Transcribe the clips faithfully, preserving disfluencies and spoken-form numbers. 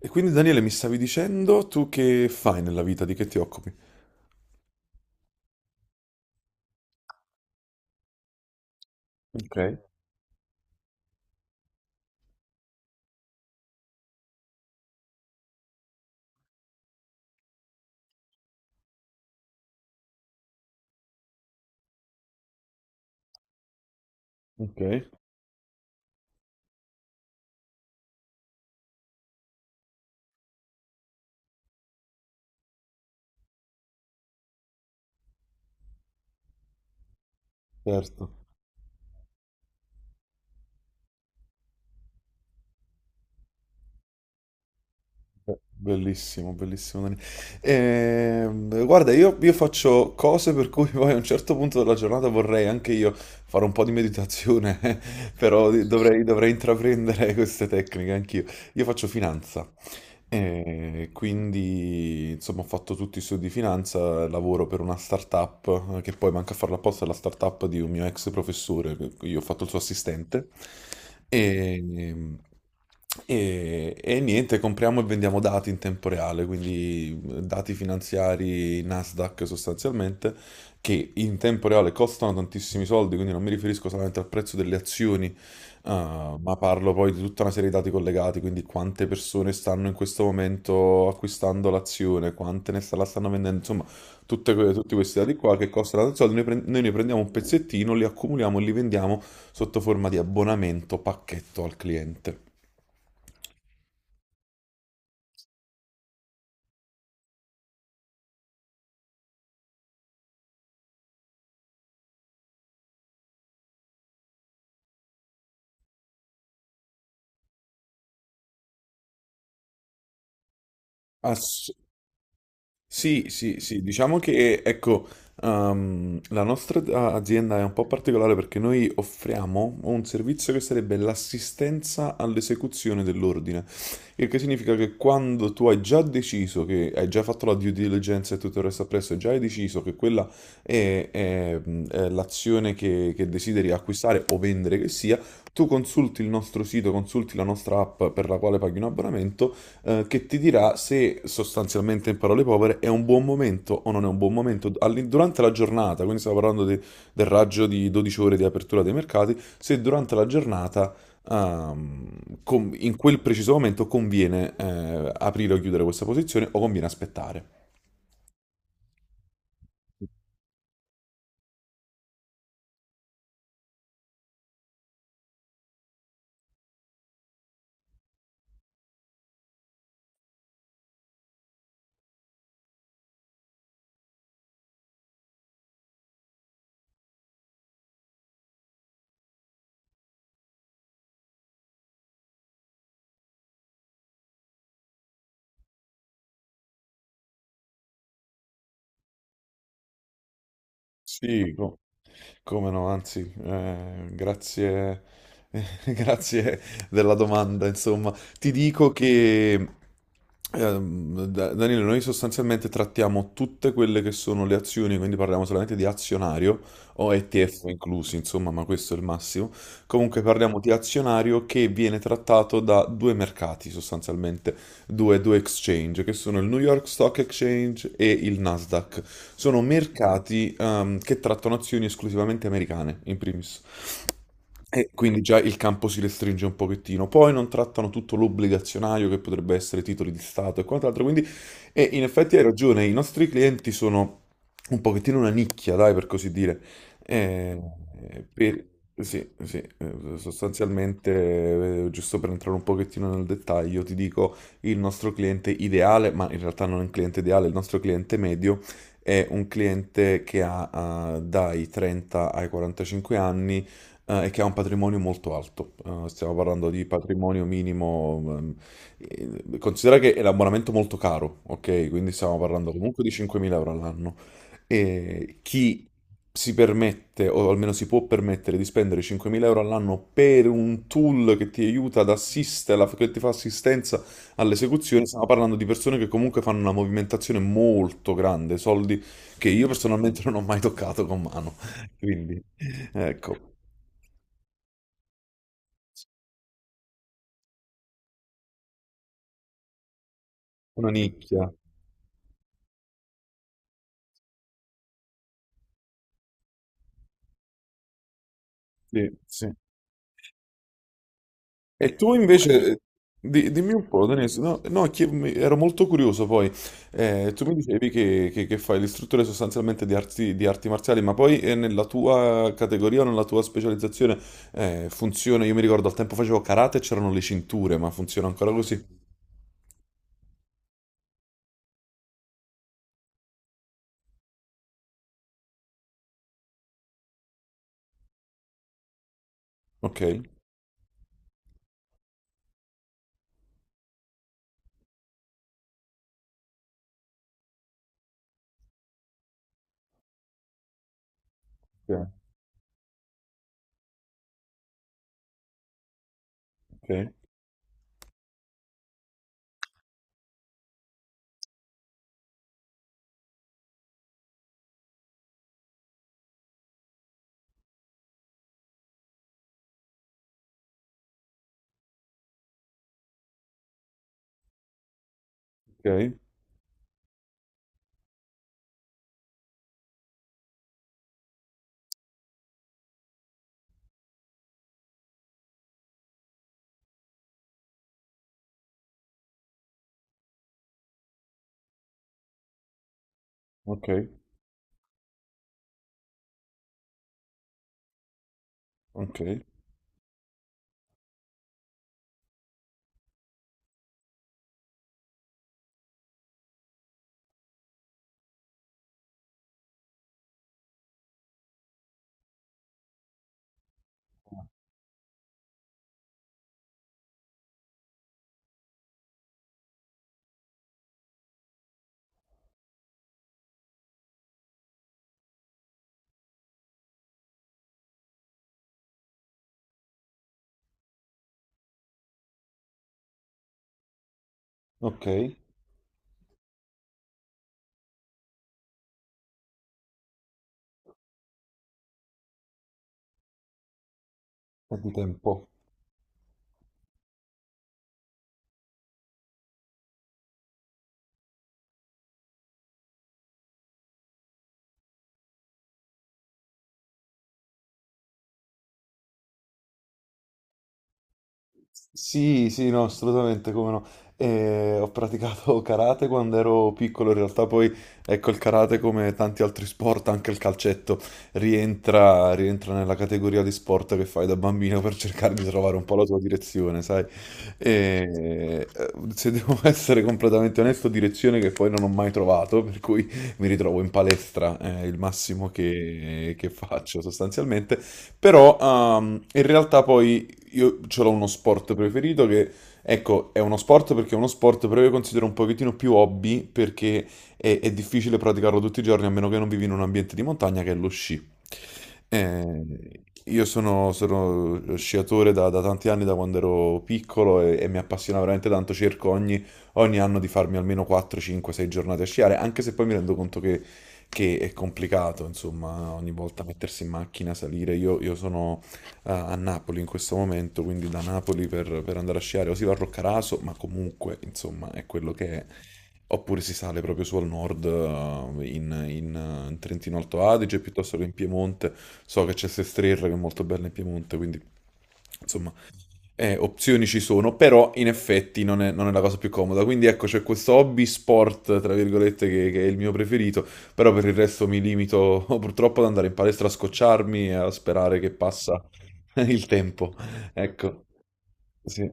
E quindi Daniele, mi stavi dicendo tu che fai nella vita, di che ti occupi? Ok, ok, certo. Beh, bellissimo, bellissimo Daniele. Ehm, guarda, io, io faccio cose per cui poi a un certo punto della giornata vorrei anche io fare un po' di meditazione. Però di- dovrei, dovrei intraprendere queste tecniche anch'io. Io faccio finanza. E quindi, insomma, ho fatto tutti i studi di finanza, lavoro per una startup, eh, che poi manca a farla apposta, è la startup di un mio ex professore, che- che io ho fatto il suo assistente. E, e- e niente, compriamo e vendiamo dati in tempo reale, quindi eh, dati finanziari Nasdaq sostanzialmente, che in tempo reale costano tantissimi soldi, quindi non mi riferisco solamente al prezzo delle azioni. Ah, ma parlo poi di tutta una serie di dati collegati, quindi quante persone stanno in questo momento acquistando l'azione, quante ne sta- la stanno vendendo, insomma, tutte que- tutti questi dati qua che costano tanti soldi, noi, pren- noi ne prendiamo un pezzettino, li accumuliamo e li vendiamo sotto forma di abbonamento pacchetto al cliente. Ass- Sì, sì, sì, diciamo che ecco, ehm, la nostra azienda è un po' particolare perché noi offriamo un servizio che sarebbe l'assistenza all'esecuzione dell'ordine, il che significa che quando tu hai già deciso che hai già fatto la due diligence e tutto il resto appresso, e già hai deciso che quella è, è, mh, è l'azione che, che desideri acquistare o vendere che sia, tu consulti il nostro sito, consulti la nostra app per la quale paghi un abbonamento eh, che ti dirà se sostanzialmente in parole povere è un buon momento o non è un buon momento all'in- durante la giornata, quindi stiamo parlando de- del raggio di dodici ore di apertura dei mercati, se durante la giornata ehm, con- in quel preciso momento conviene eh, aprire o chiudere questa posizione o conviene aspettare. Sì, co- come no, anzi, eh, grazie, grazie della domanda. Insomma, ti dico che ehm, Da- Danilo, noi sostanzialmente trattiamo tutte quelle che sono le azioni, quindi parliamo solamente di azionario o E T F inclusi, insomma, ma questo è il massimo. Comunque parliamo di azionario che viene trattato da due mercati sostanzialmente due, due exchange, che sono il New York Stock Exchange e il Nasdaq. Sono mercati ehm, che trattano azioni esclusivamente americane, in primis. E quindi già il campo si restringe un pochettino. Poi non trattano tutto l'obbligazionario che potrebbe essere titoli di Stato e quant'altro. Quindi, e in effetti hai ragione, i nostri clienti sono un pochettino una nicchia, dai, per così dire. Eh, per- sì, sì, eh, sostanzialmente, eh, giusto per entrare un pochettino nel dettaglio, ti dico il nostro cliente ideale, ma in realtà non è un cliente ideale, il nostro cliente medio è un cliente che ha, eh, dai trenta ai quarantacinque anni eh, e che ha un patrimonio molto alto. Eh, stiamo parlando di patrimonio minimo, ehm, eh, considera che è un abbonamento molto caro, ok? Quindi stiamo parlando comunque di cinquemila euro all'anno. E chi si permette, o almeno si può permettere, di spendere cinquemila euro all'anno per un tool che ti aiuta ad assistere, alla- che ti fa assistenza all'esecuzione, stiamo parlando di persone che comunque fanno una movimentazione molto grande, soldi che io personalmente non ho mai toccato con mano. Quindi, ecco. Una nicchia, sì. Sì. E tu invece, eh, di- dimmi un po', Denise, no, no, chi- mi- ero molto curioso poi. Eh, tu mi dicevi che, che- che fai l'istruttore sostanzialmente di arti, di arti marziali, ma poi eh, nella tua categoria, nella tua specializzazione, eh, funziona, io mi ricordo al tempo facevo karate e c'erano le cinture, ma funziona ancora così? Ok, ok, ok, ok, ok, ok, quanto tempo? Sì, sì, no, assolutamente, come no. Eh, ho praticato karate quando ero piccolo, in realtà poi, ecco, il karate come tanti altri sport, anche il calcetto, rientra, rientra nella categoria di sport che fai da bambino per cercare di trovare un po' la tua direzione, sai? E, eh, se devo essere completamente onesto, direzione che poi non ho mai trovato, per cui mi ritrovo in palestra, è il massimo che che faccio sostanzialmente. Però ehm, in realtà poi io ce l'ho uno sport preferito che, ecco, è uno sport perché è uno sport, però io considero un pochettino più hobby perché è, è difficile praticarlo tutti i giorni a meno che non vivi in un ambiente di montagna che è lo sci. Eh, io sono, sono sciatore da, da tanti anni, da quando ero piccolo e, e mi appassiona veramente tanto. Cerco ogni, ogni anno di farmi almeno quattro, cinque, sei giornate a sciare, anche se poi mi rendo conto che che è complicato, insomma, ogni volta mettersi in macchina, salire. Io, io sono eh, a Napoli in questo momento, quindi da Napoli per, per andare a sciare o si va a Roccaraso, ma comunque, insomma, è quello che è. Oppure si sale proprio su al nord, eh, in, in, eh, in Trentino Alto Adige, piuttosto che in Piemonte. So che c'è Sestriere che è molto bella in Piemonte, quindi insomma, eh, opzioni ci sono, però in effetti non è, non è la cosa più comoda. Quindi ecco, c'è questo hobby sport, tra virgolette, che, che è il mio preferito, però per il resto mi limito purtroppo ad andare in palestra a scocciarmi e a sperare che passa il tempo. Ecco, sì,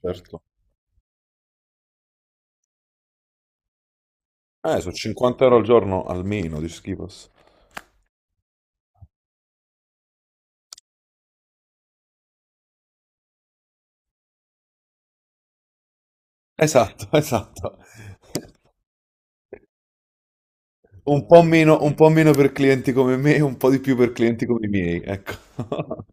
certo. Eh, sono cinquanta euro al giorno almeno di schifos. Esatto, esatto. Un po' meno, un po' meno per clienti come me, un po' di più per clienti come i miei, ecco.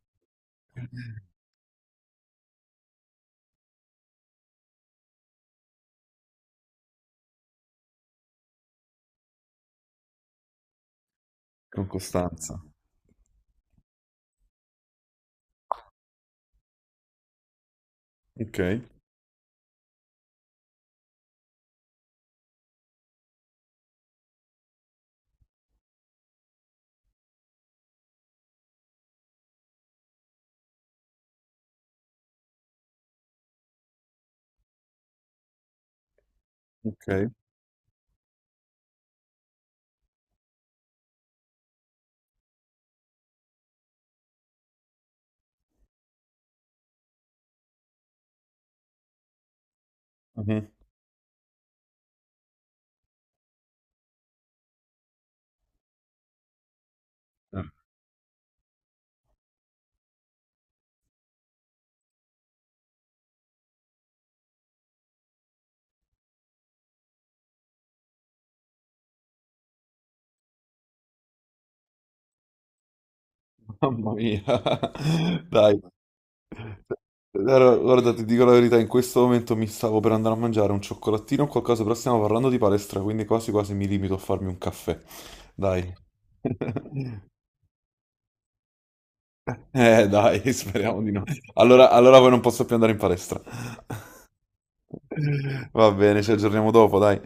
Con costanza. Ok, ok. Mhm. Eh, mamma mia. Dai. Allora, guarda, ti dico la verità, in questo momento mi stavo per andare a mangiare un cioccolatino o qualcosa, però stiamo parlando di palestra, quindi quasi quasi mi limito a farmi un caffè. Dai. Eh, dai, speriamo di no. Allora, allora poi non posso più andare in palestra. Va bene, ci aggiorniamo dopo, dai.